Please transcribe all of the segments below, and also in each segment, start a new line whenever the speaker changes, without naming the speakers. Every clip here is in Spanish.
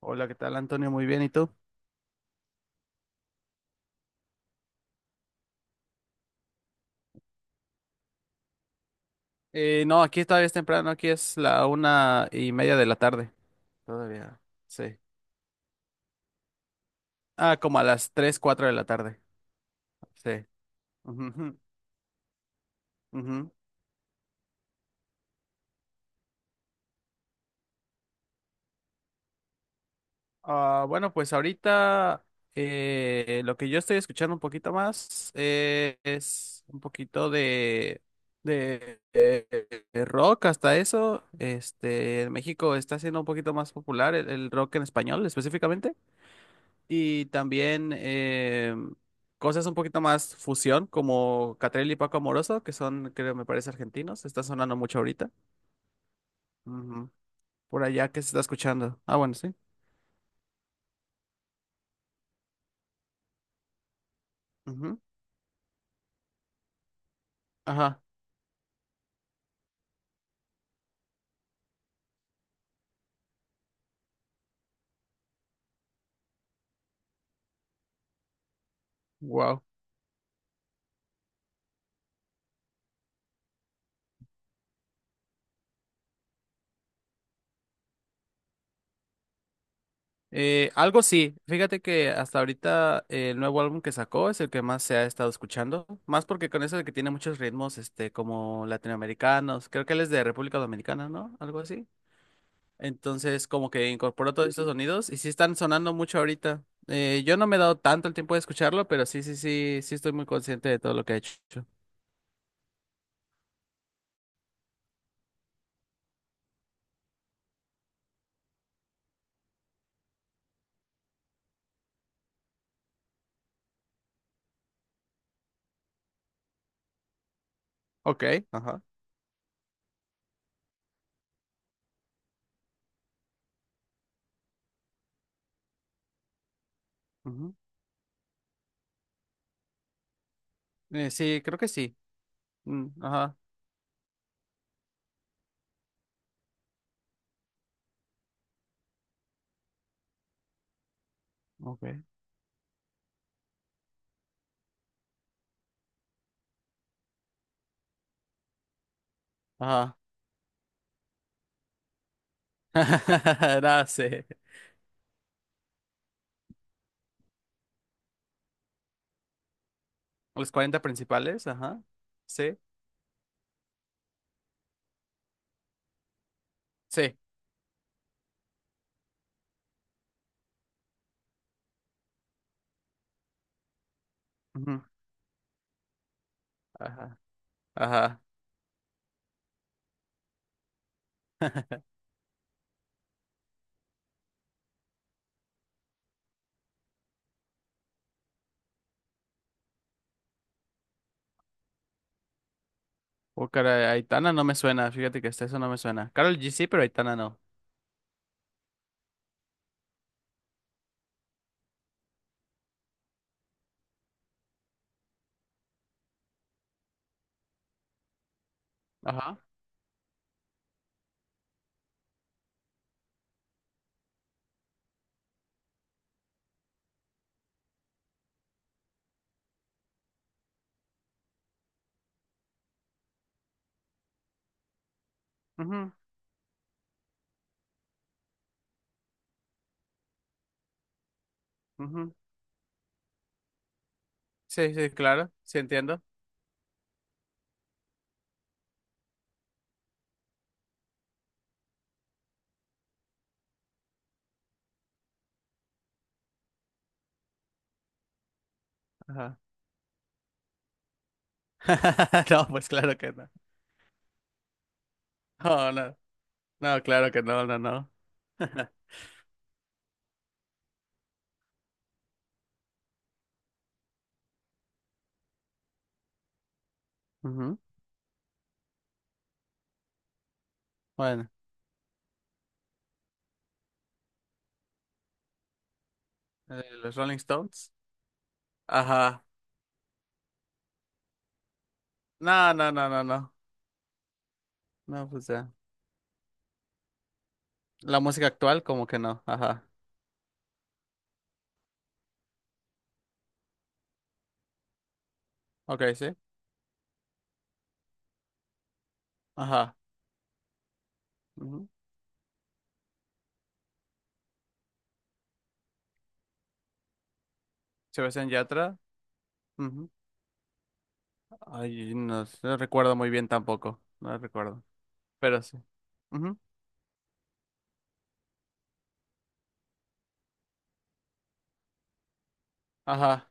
Hola, ¿qué tal, Antonio? Muy bien, ¿y tú? No, aquí todavía es temprano, aquí es la 1:30 de la tarde. Todavía, sí. Ah, como a las tres, cuatro de la tarde. Sí. Ujú, ujú. Ah, bueno, pues ahorita lo que yo estoy escuchando un poquito más es un poquito de, de, eh, de rock hasta eso. Este, en México está siendo un poquito más popular el rock en español específicamente. Y también cosas un poquito más fusión, como Catriel y Paco Amoroso, que son, creo, me parece, argentinos. Está sonando mucho ahorita. Ujú. Por allá, ¿qué se está escuchando? Ah, bueno, sí. Ujú. Ajá. Wow. Algo sí. Fíjate que hasta ahorita el nuevo álbum que sacó es el que más se ha estado escuchando. Más porque con eso de que tiene muchos ritmos, este, como latinoamericanos. Creo que él es de República Dominicana, ¿no? Algo así. Entonces, como que incorporó todos estos sonidos y sí están sonando mucho ahorita. Yo no me he dado tanto el tiempo de escucharlo, pero sí, sí, sí, sí estoy muy consciente de todo lo que ha hecho. Ok, ajá. Ujú. Sí, creo que sí. Mm, ajá, Ok, ajá. No sé. Los 40 principales, ajá. Sí, sí. Ujú. Ajá, ajá. Oh, caray, Aitana no me suena, fíjate que hasta eso no me suena. Karol G sí, pero Aitana no. Ajá. Ujú, ujú. Sí, sí, claro, sí entiendo. Ajá. No, pues claro que no. No, no, no, claro que no, no, no. Ujú. Bueno, los Rolling Stones. Ajá. No, no, no, no, no. No, pues ya. La música actual, como que no. Ajá. Ok, sí. Ajá. Ujú. Sebastián Yatra. Ujú. Ay, no, sé, no recuerdo muy bien tampoco. No recuerdo. Pero sí. Ujú. Ajá.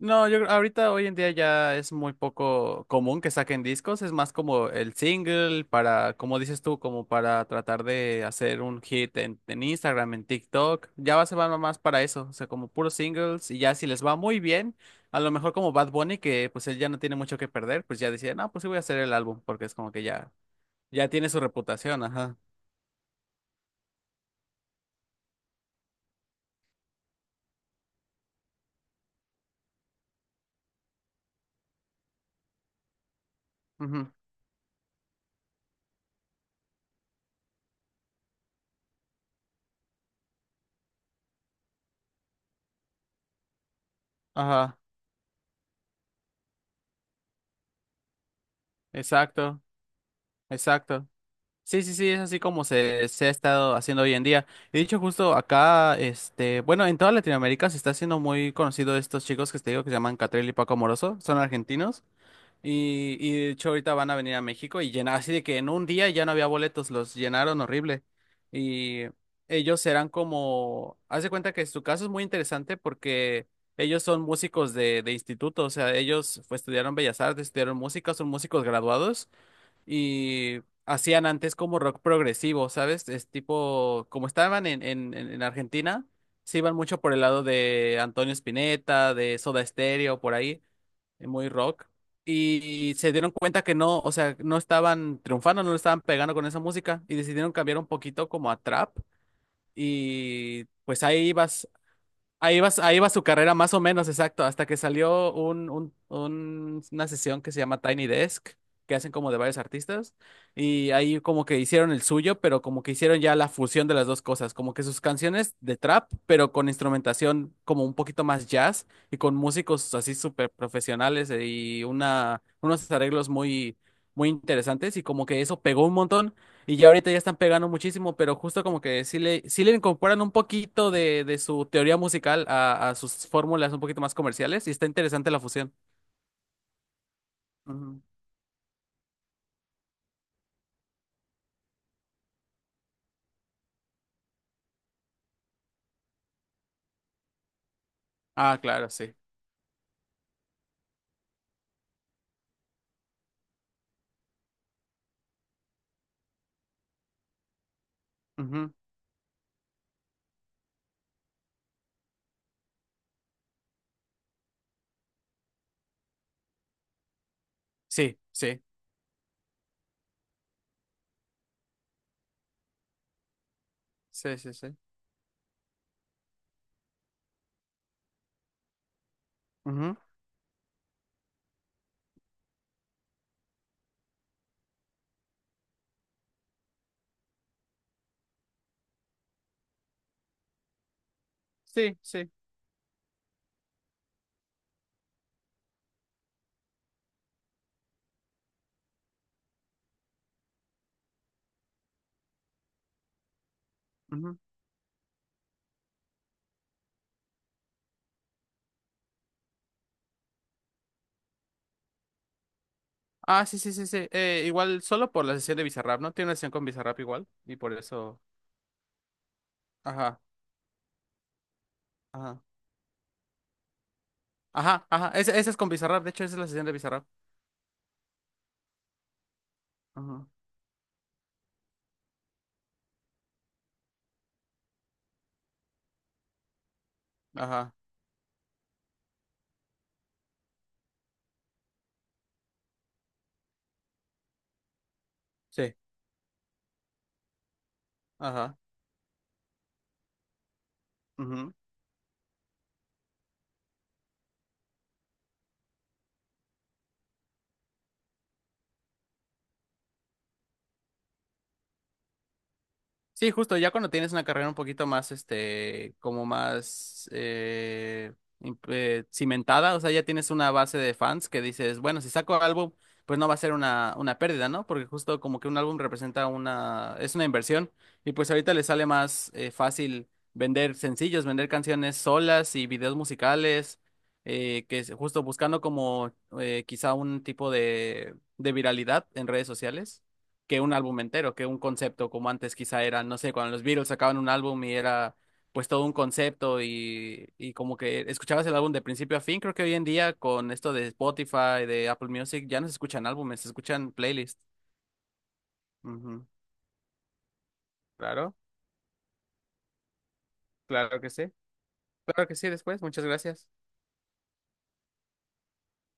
No, yo creo, ahorita hoy en día ya es muy poco común que saquen discos, es más como el single para, como dices tú, como para tratar de hacer un hit en Instagram, en TikTok, ya va, se van más para eso, o sea, como puros singles y ya si les va muy bien, a lo mejor como Bad Bunny, que pues él ya no tiene mucho que perder, pues ya decía, no, pues sí voy a hacer el álbum, porque es como que ya, ya tiene su reputación, ajá, ujú, ajá, exacto, exacto. Sí, sí, sí, es así como se ha estado haciendo hoy en día. Y dicho justo acá, este, bueno, en toda Latinoamérica se está haciendo muy conocido estos chicos que te digo que se llaman Catril y Paco Moroso, son argentinos. Y de hecho ahorita van a venir a México y llenar, así de que en un día ya no había boletos, los llenaron horrible. Y ellos serán como, haz de cuenta que su caso es muy interesante porque ellos son músicos de, instituto, o sea, ellos pues, estudiaron Bellas Artes, estudiaron música, son músicos graduados y hacían antes como rock progresivo, ¿sabes? Es tipo, como estaban en, en Argentina, se iban mucho por el lado de Antonio Spinetta, de Soda Stereo, por ahí, muy rock. Y se dieron cuenta que no, o sea, no estaban triunfando, no le estaban pegando con esa música y decidieron cambiar un poquito como a trap. Y pues ahí iba. Ahí va su carrera más o menos, exacto, hasta que salió una sesión que se llama Tiny Desk, que hacen como de varios artistas, y ahí como que hicieron el suyo, pero como que hicieron ya la fusión de las dos cosas, como que sus canciones de trap, pero con instrumentación como un poquito más jazz y con músicos así súper profesionales y unos arreglos muy, muy interesantes, y como que eso pegó un montón. Y ya ahorita ya están pegando muchísimo, pero justo como que sí le incorporan un poquito de su teoría musical a sus fórmulas un poquito más comerciales y está interesante la fusión. Ujú. Ah, claro, sí. Ujú. Sí, sí, sí, sí, sí. Ujú. Sí, sí. Ujú. Ah, sí, sí, sí, sí. Igual solo por la sesión de Bizarrap, ¿no? Tiene una sesión con Bizarrap igual y por eso... Ajá, ajá. Ajá, ajá. Esa es con Bizarrap, de hecho esa es la sesión de Bizarrap. Ajá, ajá. Sí, ajá. Ujú. Sí, justo, ya cuando tienes una carrera un poquito más, este, como más cimentada, o sea, ya tienes una base de fans que dices, bueno, si saco álbum, pues no va a ser una pérdida, ¿no? Porque justo como que un álbum representa es una inversión y pues ahorita le sale más fácil vender sencillos, vender canciones solas y videos musicales, que es justo buscando como quizá un tipo de viralidad en redes sociales que un álbum entero, que un concepto, como antes quizá era, no sé, cuando los Beatles sacaban un álbum y era pues todo un concepto y como que escuchabas el álbum de principio a fin, creo que hoy en día con esto de Spotify, de Apple Music, ya no se escuchan álbumes, se escuchan playlists. Ujú. Claro, claro que sí. Claro que sí, después, muchas gracias.